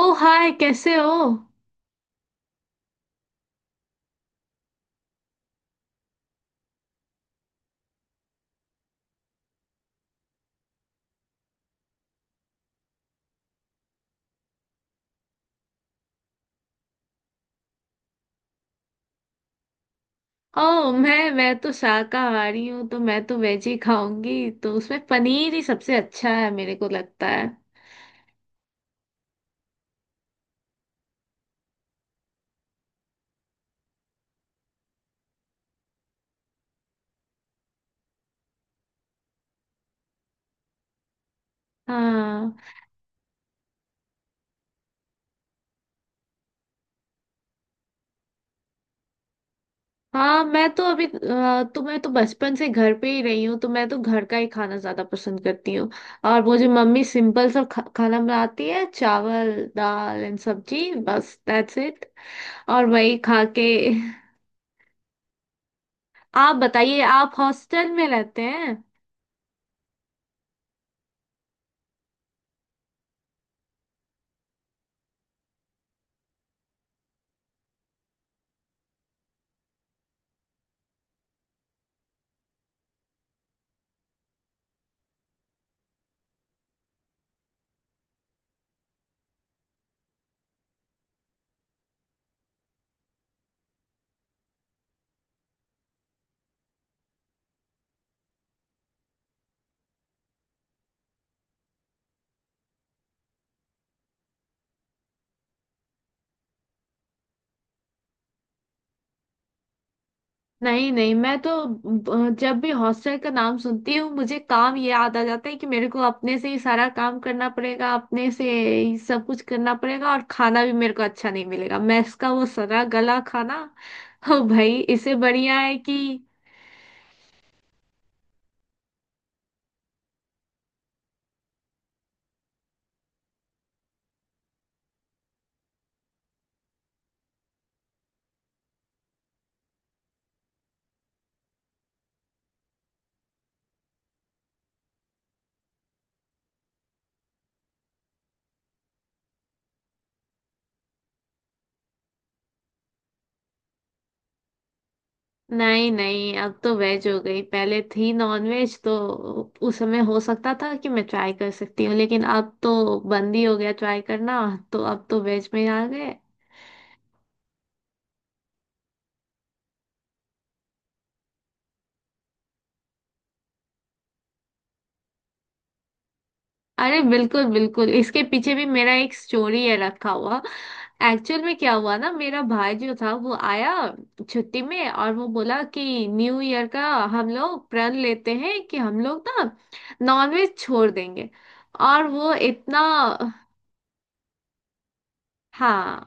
ओ hi, कैसे हो? ओ, मैं तो शाकाहारी हूँ, तो मैं तो वेज ही खाऊंगी। तो उसमें पनीर ही सबसे अच्छा है मेरे को लगता है। हाँ, हाँ, मैं तो अभी तो मैं तो बचपन से घर पे ही रही हूँ, तो मैं तो घर का ही खाना ज्यादा पसंद करती हूँ। और मुझे मम्मी सिंपल सब खाना बनाती है, चावल दाल एंड सब्जी, बस दैट्स इट। और वही खा के। आप बताइए, आप हॉस्टल में रहते हैं? नहीं, नहीं, मैं तो जब भी हॉस्टल का नाम सुनती हूँ मुझे काम ये याद आ जाता है कि मेरे को अपने से ही सारा काम करना पड़ेगा, अपने से ही सब कुछ करना पड़ेगा, और खाना भी मेरे को अच्छा नहीं मिलेगा, मैस का वो सड़ा गला खाना। ओ भाई, इससे बढ़िया है कि। नहीं, नहीं, अब तो वेज हो गई, पहले थी नॉन वेज। तो उस समय हो सकता था कि मैं ट्राई कर सकती हूँ, लेकिन अब तो बंद ही हो गया ट्राई करना। तो अब तो वेज में आ गए। अरे बिल्कुल, बिल्कुल, इसके पीछे भी मेरा एक स्टोरी है रखा हुआ। एक्चुअल में क्या हुआ ना, मेरा भाई जो था वो आया छुट्टी में, और वो बोला कि न्यू ईयर का हम लोग प्रण लेते हैं कि हम लोग ना नॉनवेज छोड़ देंगे। और वो इतना। हाँ।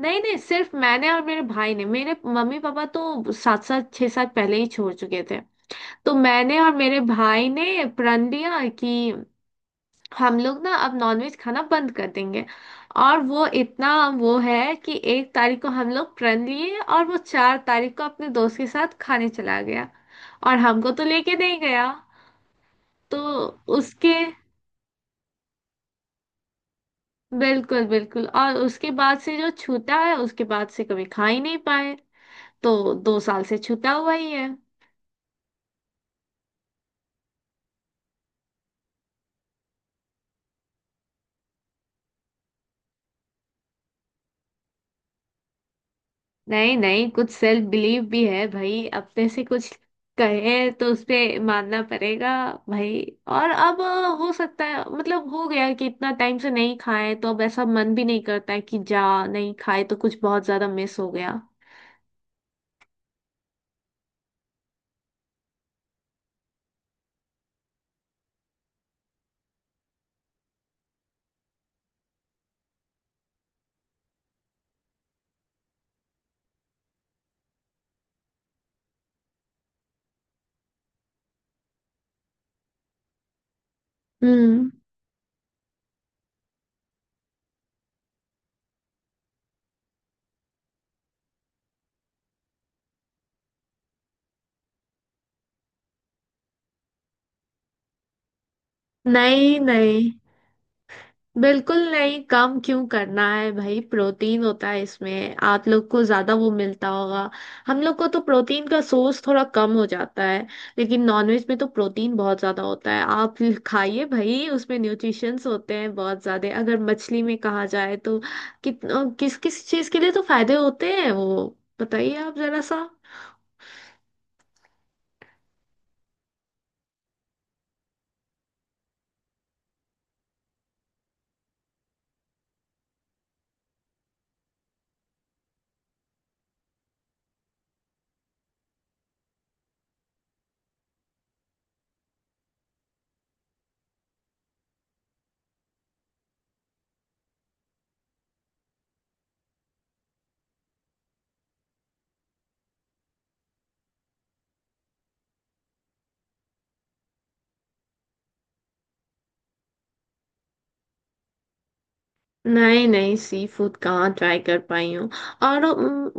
नहीं, नहीं, सिर्फ मैंने और मेरे भाई ने, मेरे मम्मी पापा तो सात सात छह साल पहले ही छोड़ चुके थे। तो मैंने और मेरे भाई ने प्रण लिया कि हम लोग ना अब नॉनवेज खाना बंद कर देंगे। और वो इतना, वो है कि 1 तारीख को हम लोग प्रण लिए, और वो 4 तारीख को अपने दोस्त के साथ खाने चला गया। और हमको तो लेके नहीं गया। तो उसके बिल्कुल, बिल्कुल, और उसके बाद से जो छूटा है, उसके बाद से कभी खा ही नहीं पाए। तो 2 साल से छूटा हुआ ही है। नहीं, नहीं, कुछ सेल्फ बिलीव भी है भाई, अपने से कुछ कहे तो उसपे मानना पड़ेगा, भाई। और अब हो सकता है, मतलब हो गया कि इतना टाइम से नहीं खाए तो अब ऐसा मन भी नहीं करता है कि जा, नहीं खाए तो कुछ बहुत ज्यादा मिस हो गया। हम्म। नहीं, नहीं, बिल्कुल नहीं, कम क्यों करना है भाई? प्रोटीन होता है इसमें, आप लोग को ज्यादा वो मिलता होगा। हम लोग को तो प्रोटीन का सोर्स थोड़ा कम हो जाता है, लेकिन नॉनवेज में तो प्रोटीन बहुत ज्यादा होता है। आप खाइए भाई, उसमें न्यूट्रिशंस होते हैं बहुत ज्यादा। अगर मछली में कहा जाए तो कित किस किस चीज के लिए तो फायदे होते हैं, वो बताइए आप जरा सा। नहीं, नहीं, सी फूड कहाँ ट्राई कर पाई हूँ। और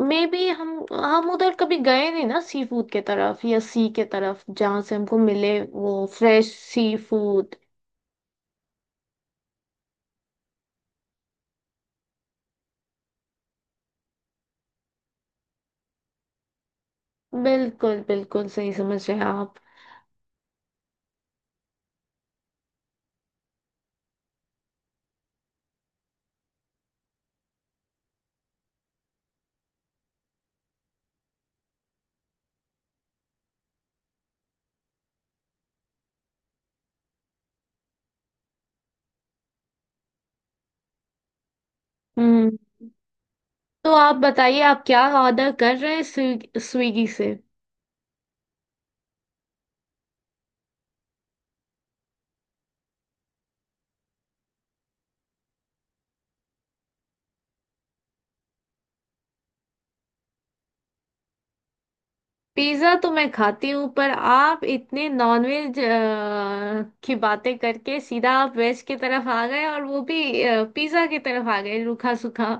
मे भी हम उधर कभी गए नहीं ना, सी फूड के तरफ या सी के तरफ, जहाँ से हमको मिले वो फ्रेश सी फूड। बिल्कुल, बिल्कुल, सही समझ रहे हैं आप। हम्म। तो आप बताइए आप क्या ऑर्डर कर रहे हैं स्विगी से? पिज्जा तो मैं खाती हूँ, पर आप इतने नॉनवेज की बातें करके सीधा आप वेज की तरफ आ गए, और वो भी पिज्जा की तरफ आ गए, रूखा सूखा।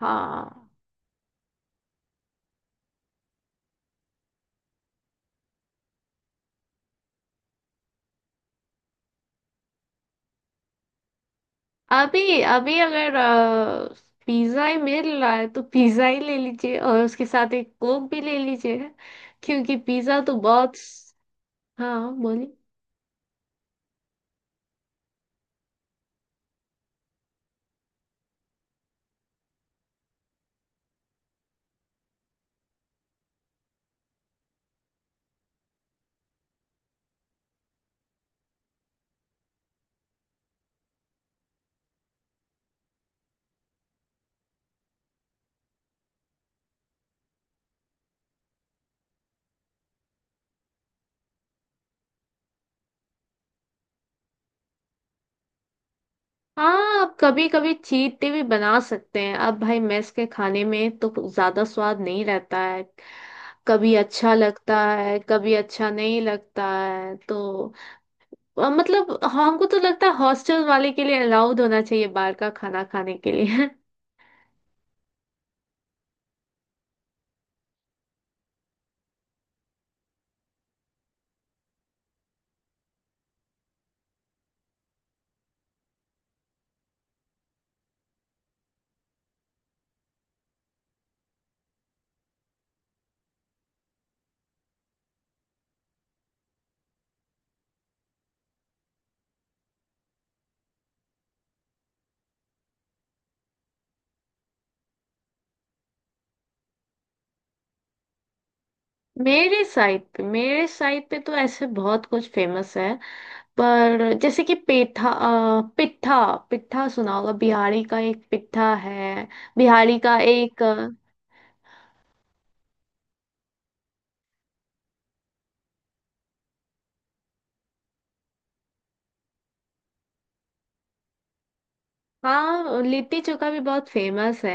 हाँ, अभी अभी अगर पिज्जा ही मिल रहा है तो पिज्जा ही ले लीजिए, और उसके साथ एक कोक भी ले लीजिए, क्योंकि पिज्जा तो बहुत। हाँ, बोलिए। हाँ, आप कभी कभी चीट डे भी बना सकते हैं। अब भाई मेस के खाने में तो ज्यादा स्वाद नहीं रहता है, कभी अच्छा लगता है कभी अच्छा नहीं लगता है, तो मतलब हमको तो लगता है हॉस्टल वाले के लिए अलाउड होना चाहिए बाहर का खाना खाने के लिए। मेरे साइड पे, मेरे साइड पे तो ऐसे बहुत कुछ फेमस है। पर जैसे कि पिट्ठा। पिट्ठा सुना होगा? बिहारी का एक पिट्ठा है, बिहारी का एक। हाँ, लिट्टी चोखा भी बहुत फेमस है।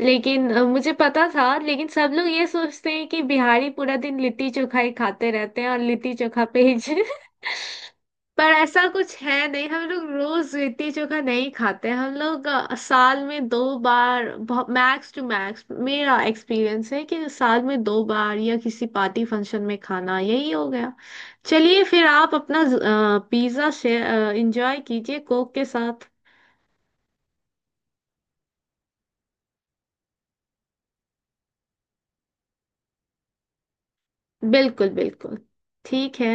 लेकिन मुझे पता था, लेकिन सब लोग ये सोचते हैं कि बिहारी पूरा दिन लिट्टी चोखा ही खाते रहते हैं और लिट्टी चोखा पे ही पर ऐसा कुछ है नहीं, हम लोग रोज लिट्टी चोखा नहीं खाते हैं। हम लोग साल में 2 बार, मैक्स टू मैक्स मेरा एक्सपीरियंस है कि साल में 2 बार या किसी पार्टी फंक्शन में खाना, यही हो गया। चलिए फिर आप अपना पिज्ज़ा शेयर इंजॉय कीजिए कोक के साथ। बिल्कुल, बिल्कुल। ठीक है।